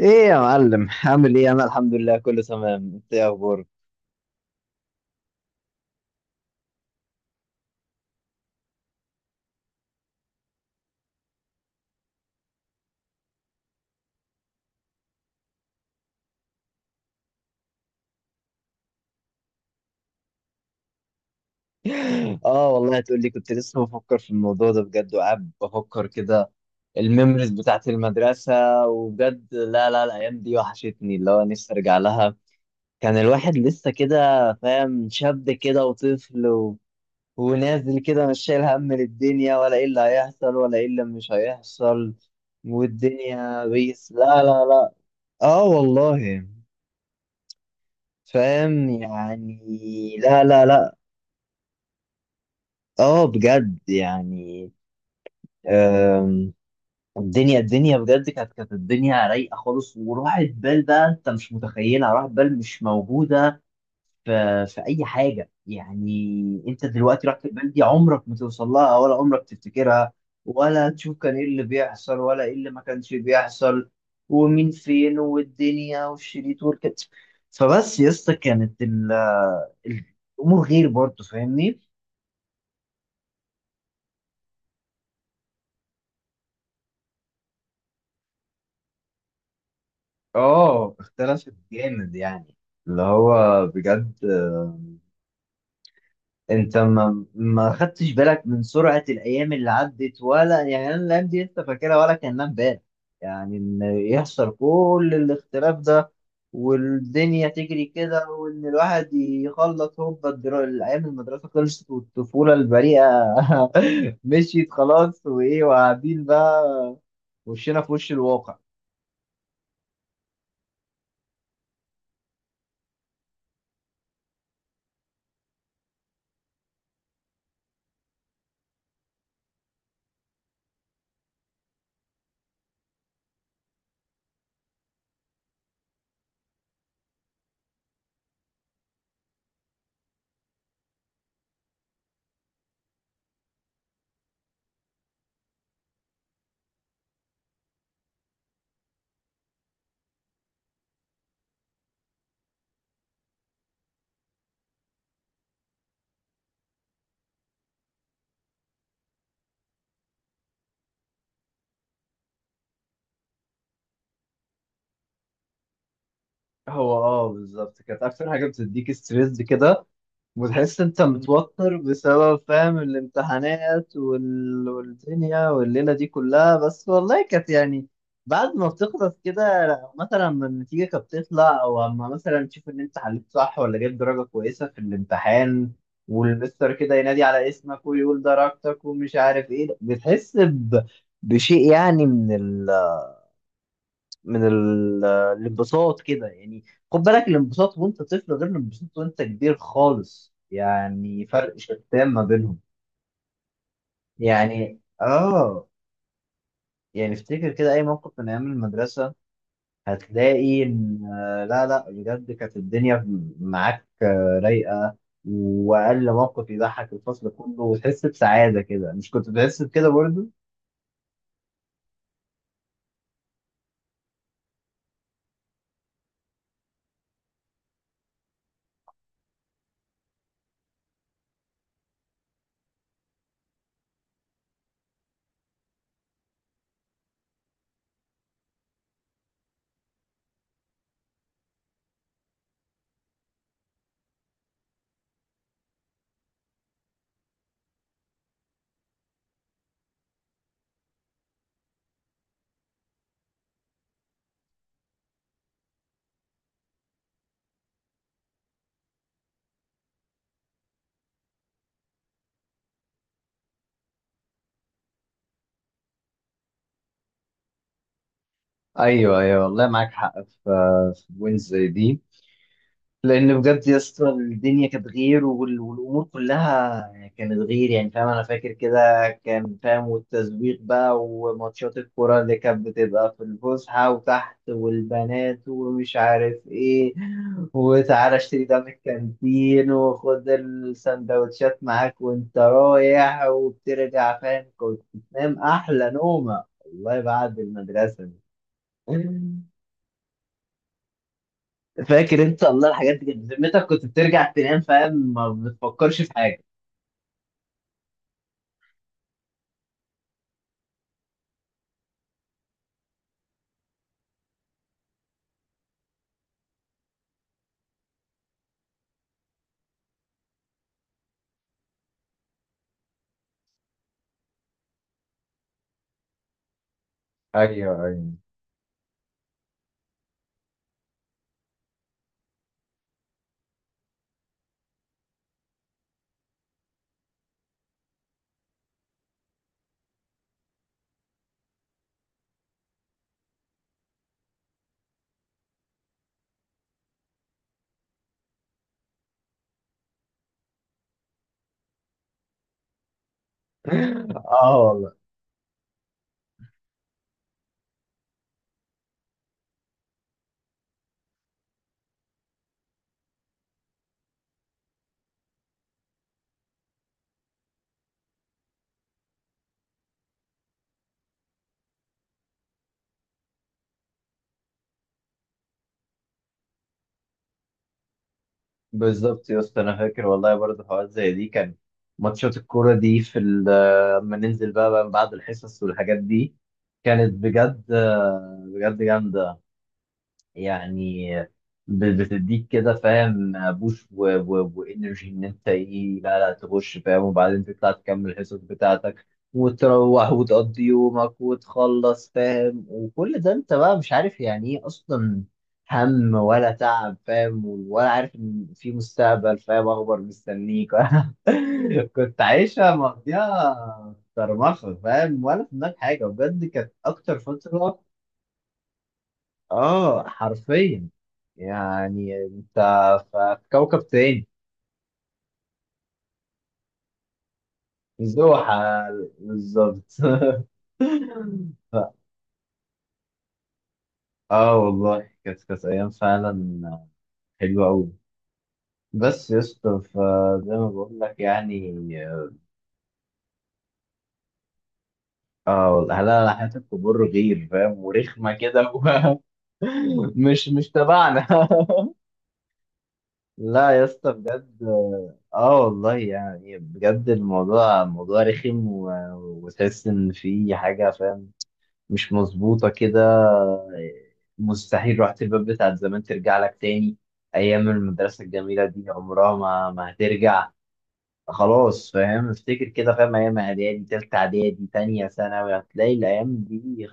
ايه يا معلم عامل ايه؟ انا الحمد لله كله تمام. انت ايه اخبارك؟ اه والله تقول لي، كنت لسه بفكر في الموضوع ده بجد، وقاعد بفكر كده. الميموريز بتاعت المدرسة. وبجد لا لا، الايام دي وحشتني، اللي هو نفسي ارجع لها. كان الواحد لسه كده فاهم، شاب كده وطفل و... ونازل كده، مش شايل هم للدنيا، ولا ايه اللي هيحصل ولا ايه اللي مش هيحصل. والدنيا بيس، لا لا لا. اه والله. فاهم يعني، لا لا لا. اه بجد يعني. آم، الدنيا بجد كانت الدنيا رايقه خالص، وراحت بال، بقى انت مش متخيلها، راحت بال، مش موجوده في في اي حاجه. يعني انت دلوقتي رحت البلد دي، عمرك ما توصل لها ولا عمرك تفتكرها، ولا تشوف كان ايه اللي بيحصل ولا ايه اللي ما كانش بيحصل. ومين فين، والدنيا والشريط والكت. فبس يا اسطى، كانت ال- الامور غير برضه، فاهمني؟ اه اختلفت جامد يعني. اللي هو بجد، انت ما ما خدتش بالك من سرعة الايام اللي عدت، ولا يعني انا الايام دي انت فاكرها ولا كانها امبارح؟ يعني ان يحصل كل الاختلاف ده، والدنيا تجري كده، وان الواحد يخلص هوبا، الايام المدرسة خلصت، والطفولة البريئة مشيت خلاص، وايه وقاعدين بقى، وشنا في وش الواقع. هو اه بالظبط، كانت اكتر حاجة بتديك ستريس كده، وتحس انت متوتر بسبب فاهم الامتحانات وال... والدنيا والليلة دي كلها، بس والله كانت يعني. بعد ما بتخلص كده، لو مثلا لما النتيجة كانت بتطلع، او اما مثلا تشوف ان انت حليت صح ولا جبت درجة كويسة في الامتحان، والمستر كده ينادي على اسمك ويقول درجتك ومش عارف ايه، بتحس ب... بشيء يعني من ال... من الانبساط كده يعني. خد بالك، الانبساط وانت طفل، غير الانبساط وانت كبير خالص، يعني فرق شتان ما بينهم. يعني اه. يعني افتكر كده اي موقف من ايام المدرسة، هتلاقي ان لا لا بجد كانت الدنيا معاك رايقة. واقل موقف يضحك الفصل كله وتحس بسعادة كده، مش كنت بتحس بكده برضو؟ ايوه ايوه والله معاك حق، في في وينز دي. لان بجد يا اسطى الدنيا كانت غير، والامور كلها كانت غير، يعني فاهم. انا فاكر كده، كان فاهم، والتسويق بقى، وماتشات الكوره اللي كانت بتبقى في الفسحه وتحت، والبنات ومش عارف ايه، وتعالى اشتري ده من الكانتين، وخد السندوتشات معاك وانت رايح، وبترجع فاهم. كنت تنام احلى نومه والله بعد المدرسه دي. فاكر انت؟ الله، الحاجات دي كانت بذمتك، كنت بترجع تنام فاهم، ما بتفكرش في حاجه. ايوه ايوه. اه والله. بالظبط يا اسطى، انا فاكر والله برضه حوارات زي دي. كان ماتشات الكوره دي في لما ننزل بقى بعد الحصص والحاجات دي، كانت بجد بجد جامده يعني. بتديك كده فاهم بوش وانرجي، ان انت ايه، لا لا تخش فاهم. وبعدين تطلع تكمل الحصص بتاعتك وتروح وتقضي يومك وتخلص فاهم، وكل ده انت بقى مش عارف يعني ايه اصلا هم ولا تعب فاهم، ولا عارف ان في مستقبل فاهم اخبار مستنيك. كنت عايشة مقضيها طرمخة فاهم، ولا في دماغك حاجة، بجد كانت أكتر فترة. اه حرفيا، يعني انت في كوكب تاني. زوحة، بالظبط. ف- اه والله، كانت ايام فعلا حلوه قوي. بس يا اسطى فزي ما بقول لك يعني. اه والله، لا، حياه الكبار غير فاهم، ورخمه كده. مش مش تبعنا. لا يا اسطى بجد، اه والله يعني، بجد الموضوع موضوع رخم و... وتحس ان في حاجه فاهم مش مظبوطه كده. مستحيل روحة الباب بتاعت زمان ترجع لك تاني. ايام المدرسه الجميله دي عمرها ما ما هترجع. خلاص فاهم، افتكر كده فاهم، ايام اعدادي، تالتة اعدادي، تانية ثانوي، هتلاقي الايام دي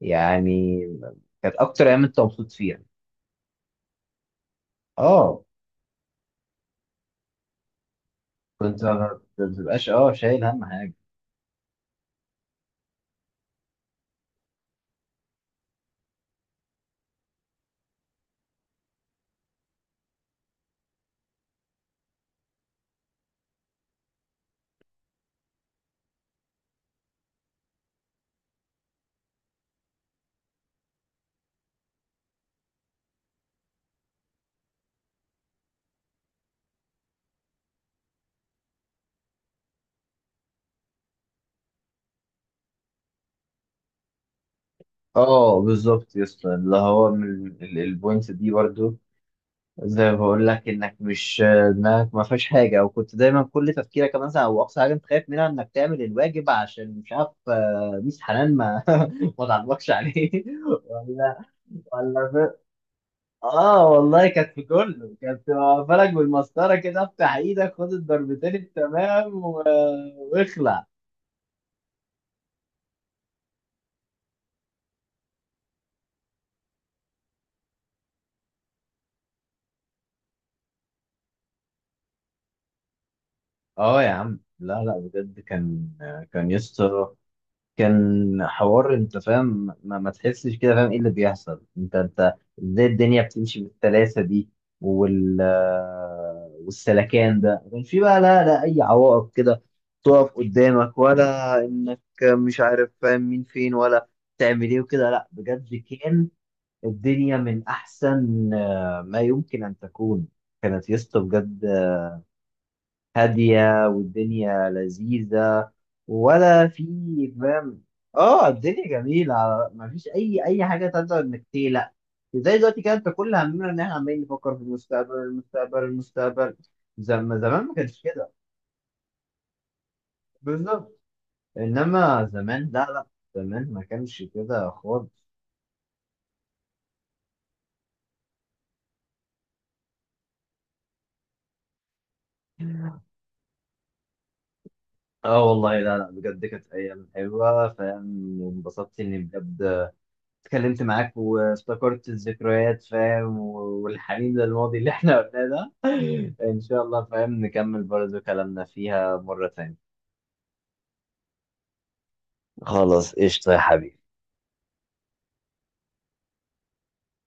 يعني كانت اكتر ايام انت مبسوط فيها. اه، كنت ما بتبقاش اه شايل هم حاجه. اه بالظبط يا اسطى، اللي هو من البوينت دي برضو، زي ما بقول لك، انك مش دماغك ما فيهاش حاجه، او كنت دايما كل تفكيرك مثلا، او اقصى حاجه انت خايف منها انك تعمل الواجب، عشان مش عارف ميس حنان ما ما تعبكش عليه. ولا ولا ف... اه والله، كانت في كله، كانت واقفه لك بالمسطره كده، افتح ايدك خد الضربتين التمام و... واخلع. اه يا عم، لا لا بجد كان، كان يسطا، كان حوار انت فاهم. ما تحسش كده، فاهم ايه اللي بيحصل؟ انت انت ازاي الدنيا بتمشي بالسلاسه دي؟ وال والسلكان ده ما كانش في بقى، لا لا اي عوائق كده تقف قدامك، ولا انك مش عارف فاهم مين فين، ولا تعمل ايه وكده. لا بجد، كان الدنيا من احسن ما يمكن ان تكون، كانت يا اسطى بجد هادية، والدنيا لذيذة، ولا في فاهم. اه الدنيا جميلة، ما فيش أي حاجة تقدر إنك تقلق. زي دلوقتي، كانت كل همنا إن إحنا عمالين نفكر في المستقبل، المستقبل المستقبل. زمان ما كانش كده. بالظبط. إنما زمان لا لا، زمان ما كانش كده خالص. اه والله لا لا بجد، كانت أيام حلوة فاهم، وانبسطت إني بجد اتكلمت معاك وافتكرت الذكريات فاهم، والحنين للماضي اللي احنا قلناه ده. ان شاء الله فاهم نكمل برضو كلامنا فيها مرة تانية. خلاص قشطة يا حبيبي.